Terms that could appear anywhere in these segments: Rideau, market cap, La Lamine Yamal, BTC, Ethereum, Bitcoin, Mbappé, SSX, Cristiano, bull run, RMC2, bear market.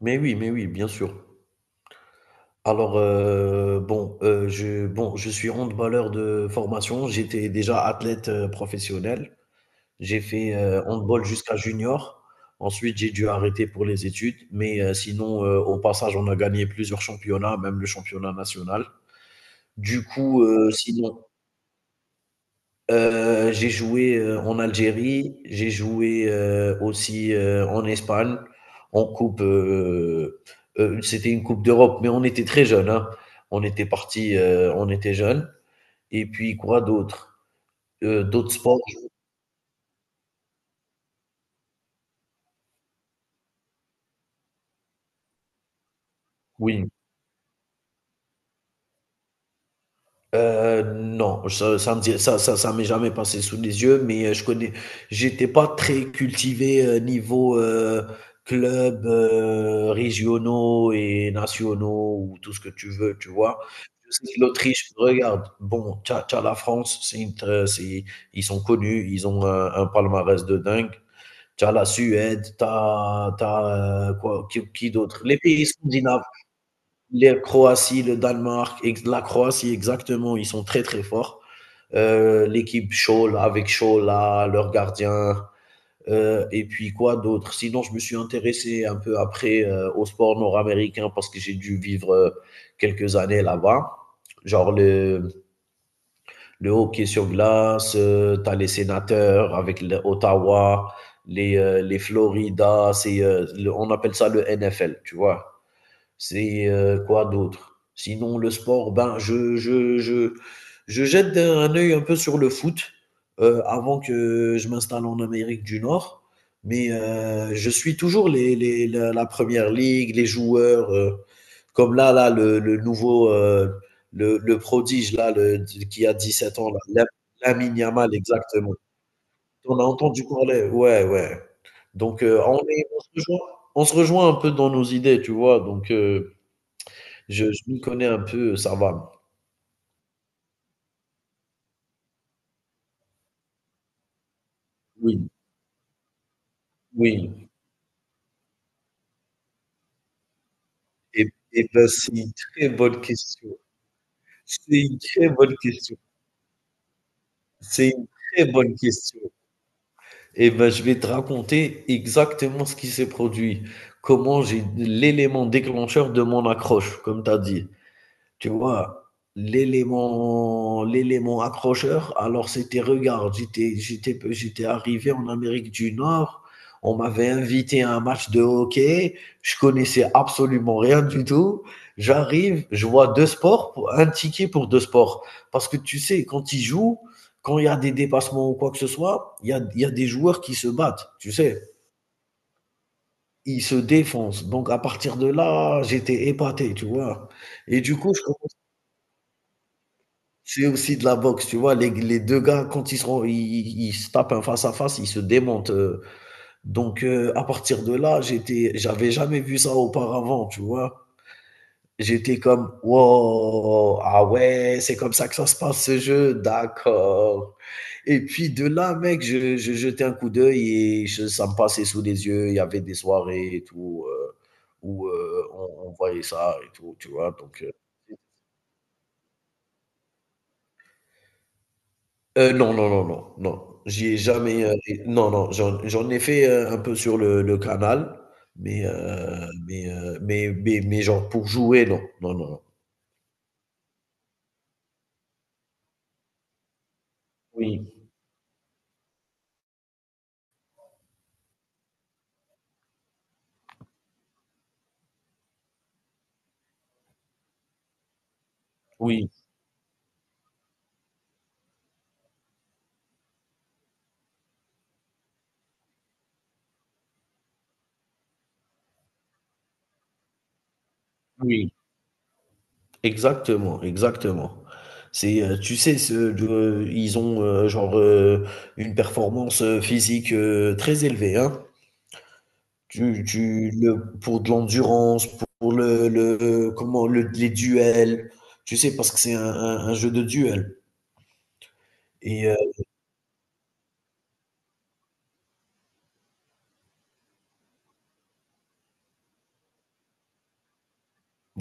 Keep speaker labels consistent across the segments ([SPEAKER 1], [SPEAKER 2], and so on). [SPEAKER 1] Mais oui, bien sûr. Alors, bon, je suis handballeur de formation. J'étais déjà athlète, professionnel. J'ai fait, handball jusqu'à junior. Ensuite, j'ai dû arrêter pour les études, mais sinon, au passage, on a gagné plusieurs championnats, même le championnat national. Du coup, sinon. J'ai joué en Algérie, j'ai joué aussi en Espagne, en coupe. C'était une coupe d'Europe, mais on était très jeunes, hein. On était partis, on était jeunes. Et puis quoi d'autre? D'autres sports? Oui. Non, ça me dit- ça m'est jamais passé sous les yeux, mais je connais, j'étais pas très cultivé, niveau club, régionaux et nationaux, ou tout ce que tu veux, tu vois. Je sais que l'Autriche, regarde, bon, t'as la France, c'est une tr- c'est, ils sont connus, ils ont un palmarès de dingue. T'as la Suède, t'as quoi, qui d'autre? Les pays scandinaves, les Croatie, le Danemark, la Croatie exactement, ils sont très très forts. L'équipe Scholl avec Schola, leur gardien. Et puis quoi d'autre. Sinon, je me suis intéressé un peu après, au sport nord-américain parce que j'ai dû vivre, quelques années là-bas. Genre le hockey sur glace, t'as les sénateurs avec l'Ottawa, les Florida, on appelle ça le NFL, tu vois. Quoi d'autre? Sinon le sport, ben, je jette un œil un peu sur le foot, avant que je m'installe en Amérique du Nord, mais je suis toujours les la 1 ligue, les joueurs, comme là le nouveau, le prodige là, le qui a 17 ans là. La Lamine Yamal exactement. On a entendu parler? Ouais, ouais. Donc, on se rejoint un peu dans nos idées, tu vois? Donc, je m'y connais un peu, ça va. Oui, oui. Et et ben, c'est une très bonne question. C'est une très bonne question. C'est une très bonne question. Et ben, je vais te raconter exactement ce qui s'est produit. Comment j'ai l'élément déclencheur de mon accroche, comme tu as dit. Tu vois, l'élément accrocheur, alors c'était, regarde, j'étais arrivé en Amérique du Nord, on m'avait invité à un match de hockey, je connaissais absolument rien du tout. J'arrive, je vois deux sports, un ticket pour deux sports. Parce que tu sais, quand ils jouent, quand il y a des dépassements ou quoi que ce soit, il y a des joueurs qui se battent, tu sais. Ils se défoncent. Donc, à partir de là, j'étais épaté, tu vois. Et du coup, je C'est aussi de la boxe, tu vois? Les 2 gars, quand ils se tapent un face à face, ils se démontent, donc à partir de là, j'avais jamais vu ça auparavant, tu vois? J'étais comme: «Waouh, ah ouais, c'est comme ça que ça se passe ce jeu, d'accord.» Et puis de là, mec, je jetais un coup d'œil et je ça me passait sous les yeux. Il y avait des soirées et tout, où, on voyait ça et tout, tu vois? Donc. Non, non, non, non, non. J'y ai jamais, é non, non, j'en ai fait, un peu sur le canal, mais genre pour jouer, non. Non, non, non. Oui, oui, oui, exactement, exactement. Tu sais, ce de ils ont, genre, une performance, physique, très élevée, hein. Tu tu le pour de l'endurance, pour le comment, le les duels, tu sais? Parce que c'est un jeu de duel et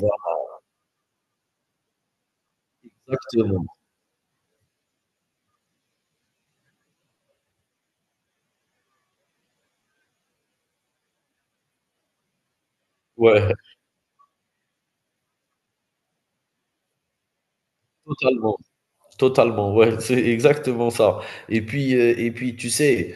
[SPEAKER 1] heu Exactement, ouais, totalement, totalement, ouais, c'est exactement ça. Et puis, tu sais,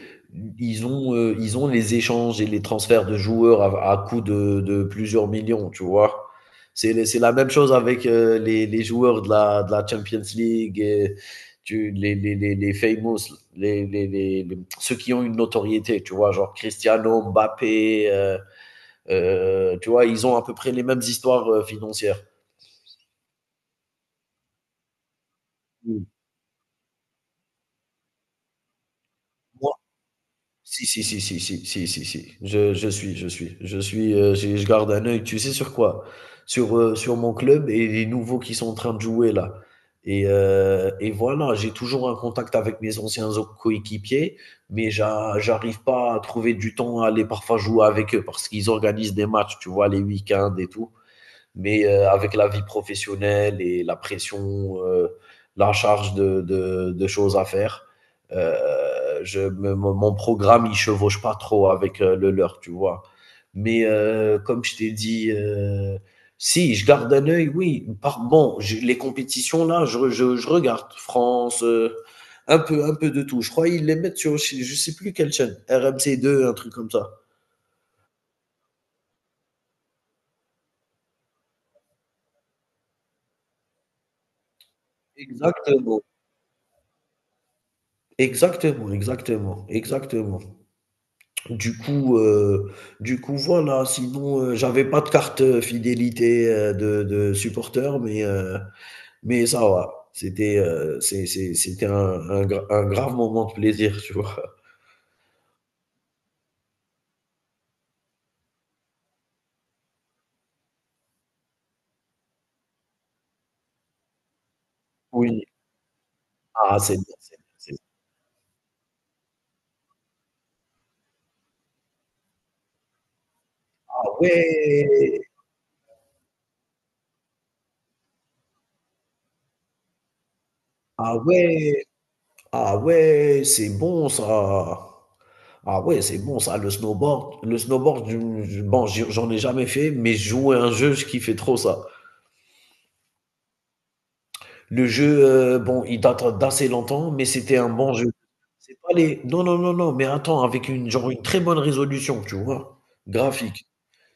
[SPEAKER 1] ils ont les échanges et les transferts de joueurs à coût de plusieurs millions, tu vois? C'est la même chose avec, les joueurs de la Champions League, et tu les ceux qui ont une notoriété, tu vois? Genre Cristiano, Mbappé, tu vois? Ils ont à peu près les mêmes histoires, financières. Mmh. Si, si, si, si, si, si, si, si. Je suis, je suis, je suis, j'ai je garde un œil, tu sais sur quoi? Sur, sur mon club et les nouveaux qui sont en train de jouer là, et voilà, j'ai toujours un contact avec mes anciens o coéquipiers, mais j'arrive pas à trouver du temps à aller parfois jouer avec eux parce qu'ils organisent des matchs, tu vois? Les week-ends et tout, mais avec la vie professionnelle et la pression, la charge de choses à faire, mon programme, il chevauche pas trop avec, le leur, tu vois. Mais comme je t'ai dit, si, je garde un œil, oui. Bon, les compétitions, là, je regarde France, un peu de tout. Je crois qu'ils les mettent sur, je sais plus quelle chaîne, RMC2, un truc comme ça. Exactement. Exactement, exactement, exactement. Du coup, heu, du coup, voilà. Sinon, j'avais pas de carte, fidélité, de supporter, mais ça va. C'était, c'est c'était un grave moment de plaisir, tu vois? Oui. Ah, c'est bien, c'est bien, c'est ah ouais! Ah ouais! Ah ouais! C'est bon ça! Ah ouais, c'est bon ça, le snowboard. Le snowboard, je bon, j'y j'en ai jamais fait, mais jouer à un jeu, je kiffais trop ça. Le jeu, bon, il date d'assez longtemps, mais c'était un bon jeu. C'est pas les non, non, non, non, mais attends, avec une très bonne résolution, tu vois? Graphique.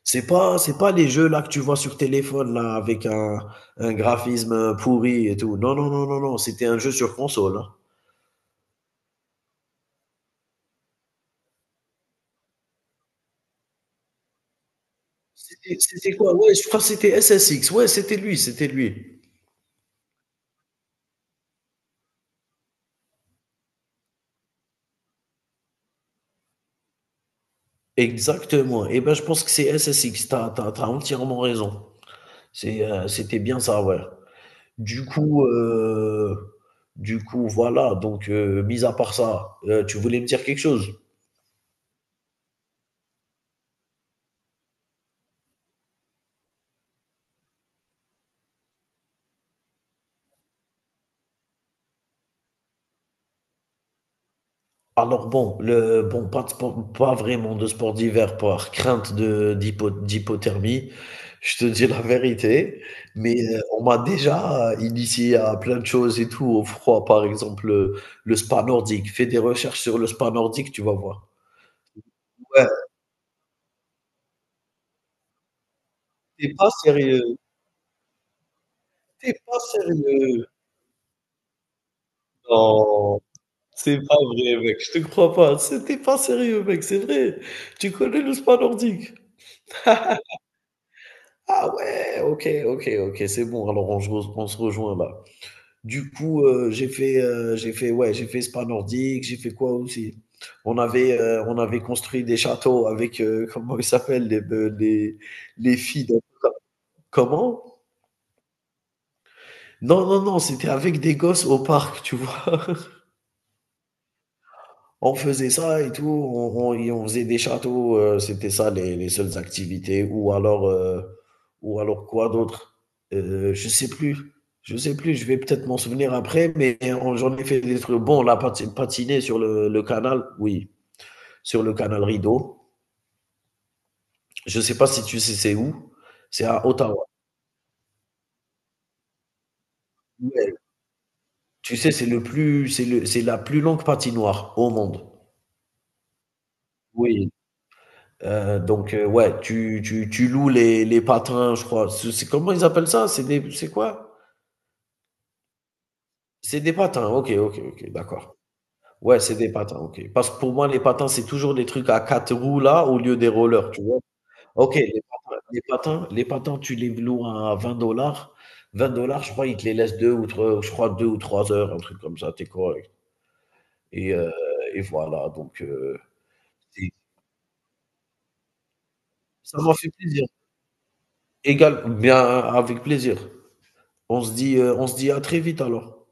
[SPEAKER 1] C'est pas les jeux là que tu vois sur téléphone là, avec un graphisme pourri et tout. Non, non, non, non, non, c'était un jeu sur console, hein. C'était quoi? Ouais, je crois que c'était SSX. Ouais, c'était lui, c'était lui. Exactement. Et ben, je pense que c'est SSX. Tu as tu as tu entièrement raison. C'était bien ça, ouais. Du coup, heu, du coup, voilà. Donc, mis à part ça, tu voulais me dire quelque chose? Alors bon, pas vraiment de sport d'hiver, par crainte de d'hypo d'hypothermie, je te dis la vérité, mais on m'a déjà initié à plein de choses et tout, au froid, par exemple, le spa nordique. Fais des recherches sur le spa nordique, tu vas voir. Ouais, tu pas sérieux, t'es pas sérieux. Non. C'est pas vrai, mec, je te crois pas. C'était pas sérieux, mec, c'est vrai. Tu connais le spa nordique? Ah ouais, OK, OK, OK, c'est bon. Alors on se rejoint là. Du coup, j'ai fait spa nordique, j'ai fait quoi aussi? On avait construit des châteaux avec, comment ils s'appellent les be les filles de comment? Non, non, non, c'était avec des gosses au parc, tu vois? On faisait ça et tout, et on faisait des châteaux, c'était ça les seules activités. Ou alors, ou alors quoi d'autre? Je sais plus, je sais plus, je vais peut-être m'en souvenir après, mais j'en ai fait des trucs. Bon, on a patiné sur le canal, oui, sur le canal Rideau. Je sais pas si tu sais c'est où, c'est à Ottawa. Ouais. Tu sais, c'est le plus, c'est le, c'est la plus longue patinoire au monde. Oui. Donc, ouais, tu loues les patins, je crois. Comment ils appellent ça? C'est quoi? C'est des patins. Ok, ok, ok, d'accord. Ouais, c'est des patins, ok. Parce que pour moi, les patins, c'est toujours des trucs à quatre roues là, au lieu des rollers, tu vois. Ok, les patins, les patins, les patins, tu les loues à 20 dollars. 20 dollars, je crois, ils te les laissent deux ou trois, je crois, 2 ou 3 heures, un truc comme ça, t'es correct. Et, euh, et voilà, donc, c'est- ça m'a fait plaisir. Égal, bien, avec plaisir. On se dit à très vite alors.